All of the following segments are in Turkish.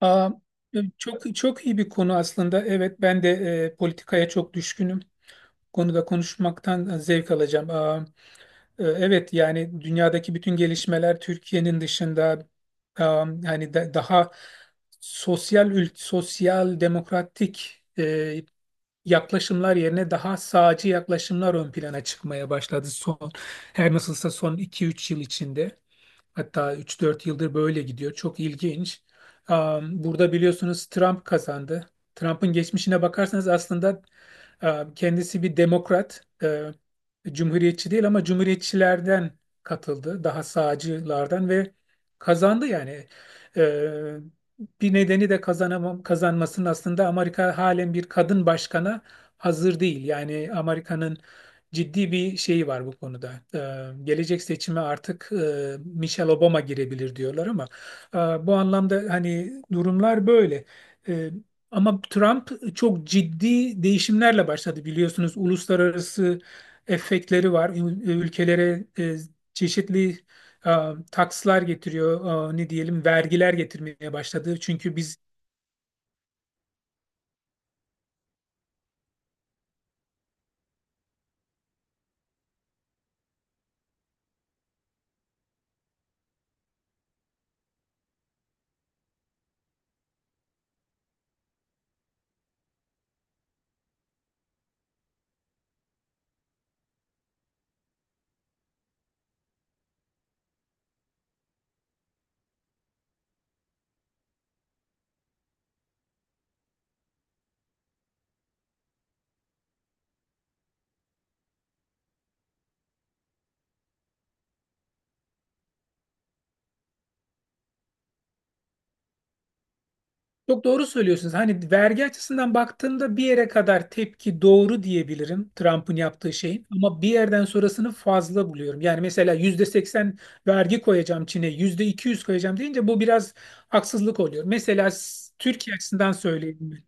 Aa, Çok çok iyi bir konu aslında. Evet, ben de politikaya çok düşkünüm. Bu konuda konuşmaktan zevk alacağım. Evet, yani dünyadaki bütün gelişmeler Türkiye'nin dışında, hani daha sosyal sosyal demokratik yaklaşımlar yerine daha sağcı yaklaşımlar ön plana çıkmaya başladı her nasılsa son iki üç yıl içinde. Hatta üç dört yıldır böyle gidiyor. Çok ilginç. Burada biliyorsunuz Trump kazandı. Trump'ın geçmişine bakarsanız aslında kendisi bir demokrat, cumhuriyetçi değil ama cumhuriyetçilerden katıldı. Daha sağcılardan ve kazandı yani. E, Bir nedeni de kazanmasının, aslında Amerika halen bir kadın başkana hazır değil. Yani Amerika'nın ciddi bir şey var bu konuda. Gelecek seçime artık Michelle Obama girebilir diyorlar ama e, bu anlamda hani durumlar böyle. E, Ama Trump çok ciddi değişimlerle başladı, biliyorsunuz. Uluslararası efektleri var. Ülkelere çeşitli e, takslar getiriyor. Ne diyelim, vergiler getirmeye başladı. Çünkü biz. Çok doğru söylüyorsunuz. Hani vergi açısından baktığımda bir yere kadar tepki doğru diyebilirim Trump'ın yaptığı şeyin. Ama bir yerden sonrasını fazla buluyorum. Yani mesela %80 vergi koyacağım Çin'e, %200 koyacağım deyince bu biraz haksızlık oluyor. Mesela Türkiye açısından söyleyeyim ben.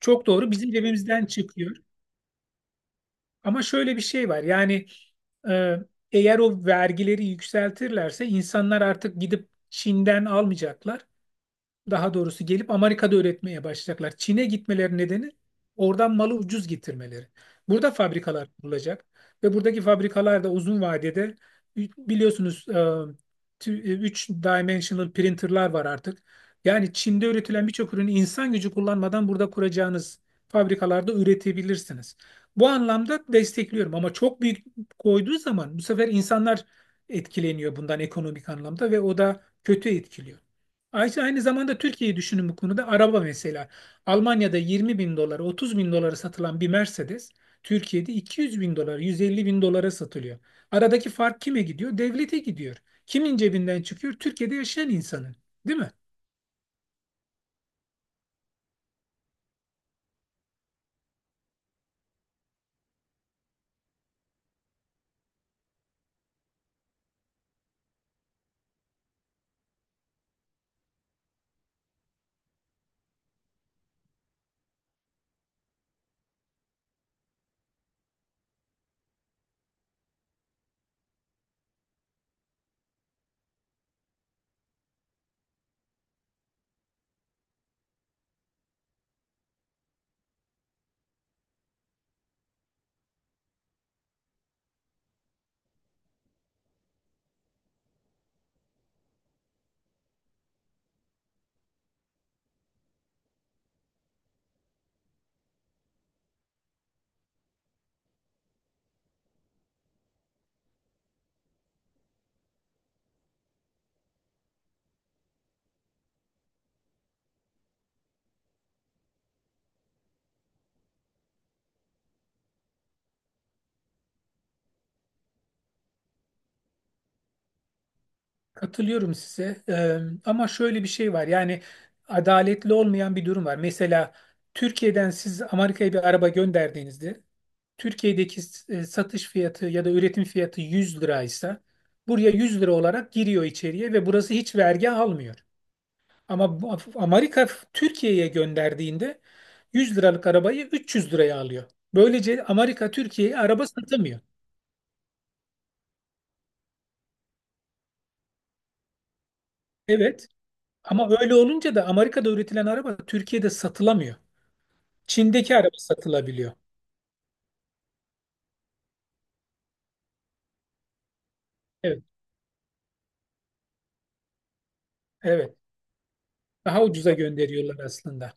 Çok doğru, bizim cebimizden çıkıyor. Ama şöyle bir şey var. Yani e, eğer o vergileri yükseltirlerse insanlar artık gidip Çin'den almayacaklar, daha doğrusu gelip Amerika'da üretmeye başlayacaklar. Çin'e gitmeleri nedeni oradan malı ucuz getirmeleri. Burada fabrikalar kurulacak ve buradaki fabrikalar da uzun vadede biliyorsunuz 3 dimensional printerlar var artık. Yani Çin'de üretilen birçok ürünü insan gücü kullanmadan burada kuracağınız fabrikalarda üretebilirsiniz. Bu anlamda destekliyorum, ama çok büyük koyduğu zaman bu sefer insanlar etkileniyor bundan ekonomik anlamda ve o da kötü etkiliyor. Ayşe aynı zamanda Türkiye'yi düşünün bu konuda. Araba mesela. Almanya'da 20 bin dolara, 30 bin dolara satılan bir Mercedes, Türkiye'de 200 bin dolar, 150 bin dolara satılıyor. Aradaki fark kime gidiyor? Devlete gidiyor. Kimin cebinden çıkıyor? Türkiye'de yaşayan insanın. Değil mi? Katılıyorum size. Ama şöyle bir şey var. Yani adaletli olmayan bir durum var. Mesela Türkiye'den siz Amerika'ya bir araba gönderdiğinizde Türkiye'deki satış fiyatı ya da üretim fiyatı 100 liraysa, buraya 100 lira olarak giriyor içeriye ve burası hiç vergi almıyor. Ama Amerika Türkiye'ye gönderdiğinde 100 liralık arabayı 300 liraya alıyor. Böylece Amerika Türkiye'ye araba satamıyor. Evet, ama öyle olunca da Amerika'da üretilen araba Türkiye'de satılamıyor. Çin'deki araba satılabiliyor. Evet, evet. Daha ucuza gönderiyorlar aslında.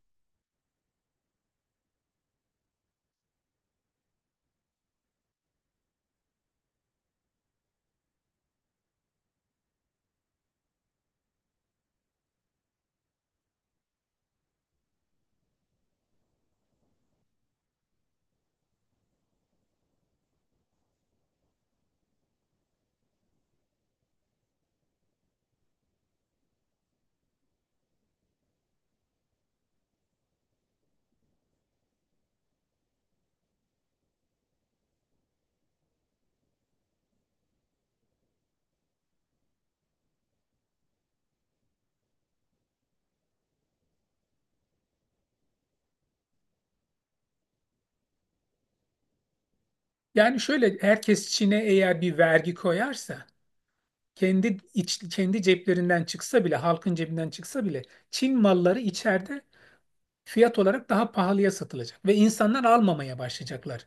Yani şöyle, herkes Çin'e eğer bir vergi koyarsa kendi ceplerinden çıksa bile, halkın cebinden çıksa bile Çin malları içeride fiyat olarak daha pahalıya satılacak ve insanlar almamaya başlayacaklar.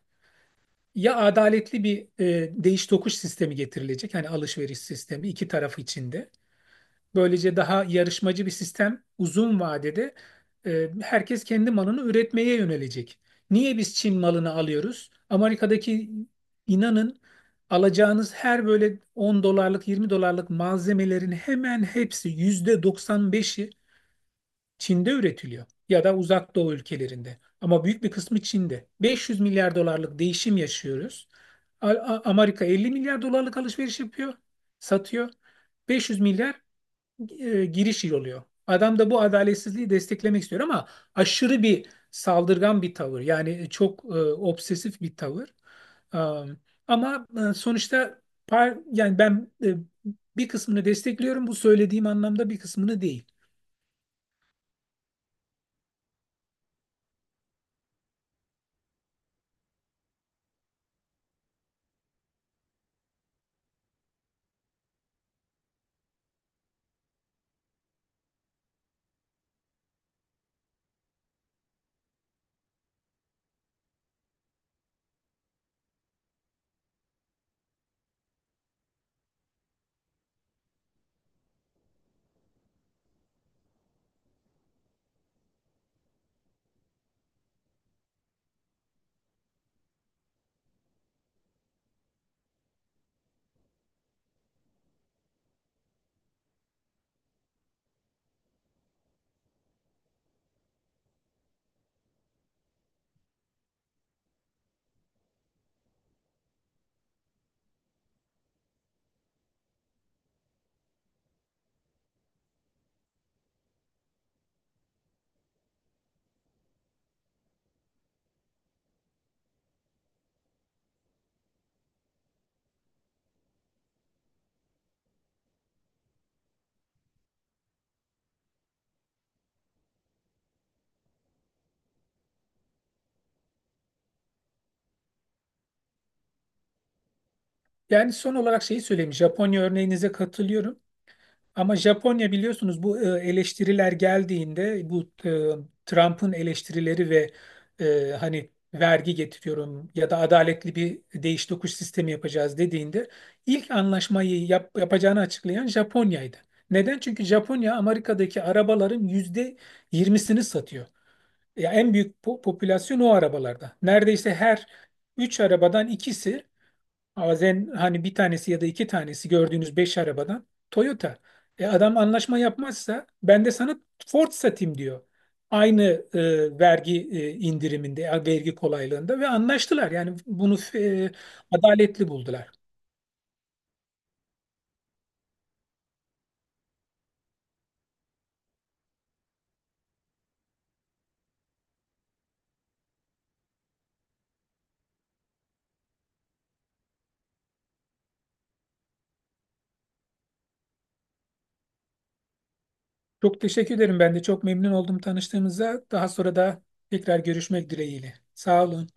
Ya adaletli bir değiş tokuş sistemi getirilecek, hani alışveriş sistemi iki taraf içinde. Böylece daha yarışmacı bir sistem uzun vadede, herkes kendi malını üretmeye yönelecek. Niye biz Çin malını alıyoruz? Amerika'daki, inanın, alacağınız her böyle 10 dolarlık 20 dolarlık malzemelerin hemen hepsi, %95'i Çin'de üretiliyor ya da Uzak Doğu ülkelerinde. Ama büyük bir kısmı Çin'de. 500 milyar dolarlık değişim yaşıyoruz. Amerika 50 milyar dolarlık alışveriş yapıyor, satıyor. 500 milyar giriş oluyor. Adam da bu adaletsizliği desteklemek istiyor ama aşırı bir saldırgan bir tavır. Yani çok obsesif bir tavır. Am, Ama sonuçta yani ben, bir kısmını destekliyorum. Bu söylediğim anlamda bir kısmını değil. Yani son olarak şeyi söyleyeyim. Japonya örneğinize katılıyorum. Ama Japonya biliyorsunuz, bu eleştiriler geldiğinde, Trump'ın eleştirileri ve hani vergi getiriyorum ya da adaletli bir değiş tokuş sistemi yapacağız dediğinde, ilk anlaşmayı yapacağını açıklayan Japonya'ydı. Neden? Çünkü Japonya Amerika'daki arabaların %20'sini satıyor. Ya en büyük popülasyon o arabalarda. Neredeyse her üç arabadan ikisi. Bazen hani bir tanesi ya da iki tanesi, gördüğünüz beş arabadan Toyota. Adam anlaşma yapmazsa ben de sana Ford satayım diyor. Aynı vergi indiriminde, vergi kolaylığında ve anlaştılar. Yani bunu adaletli buldular. Çok teşekkür ederim. Ben de çok memnun oldum tanıştığımıza. Daha sonra da tekrar görüşmek dileğiyle. Sağ olun.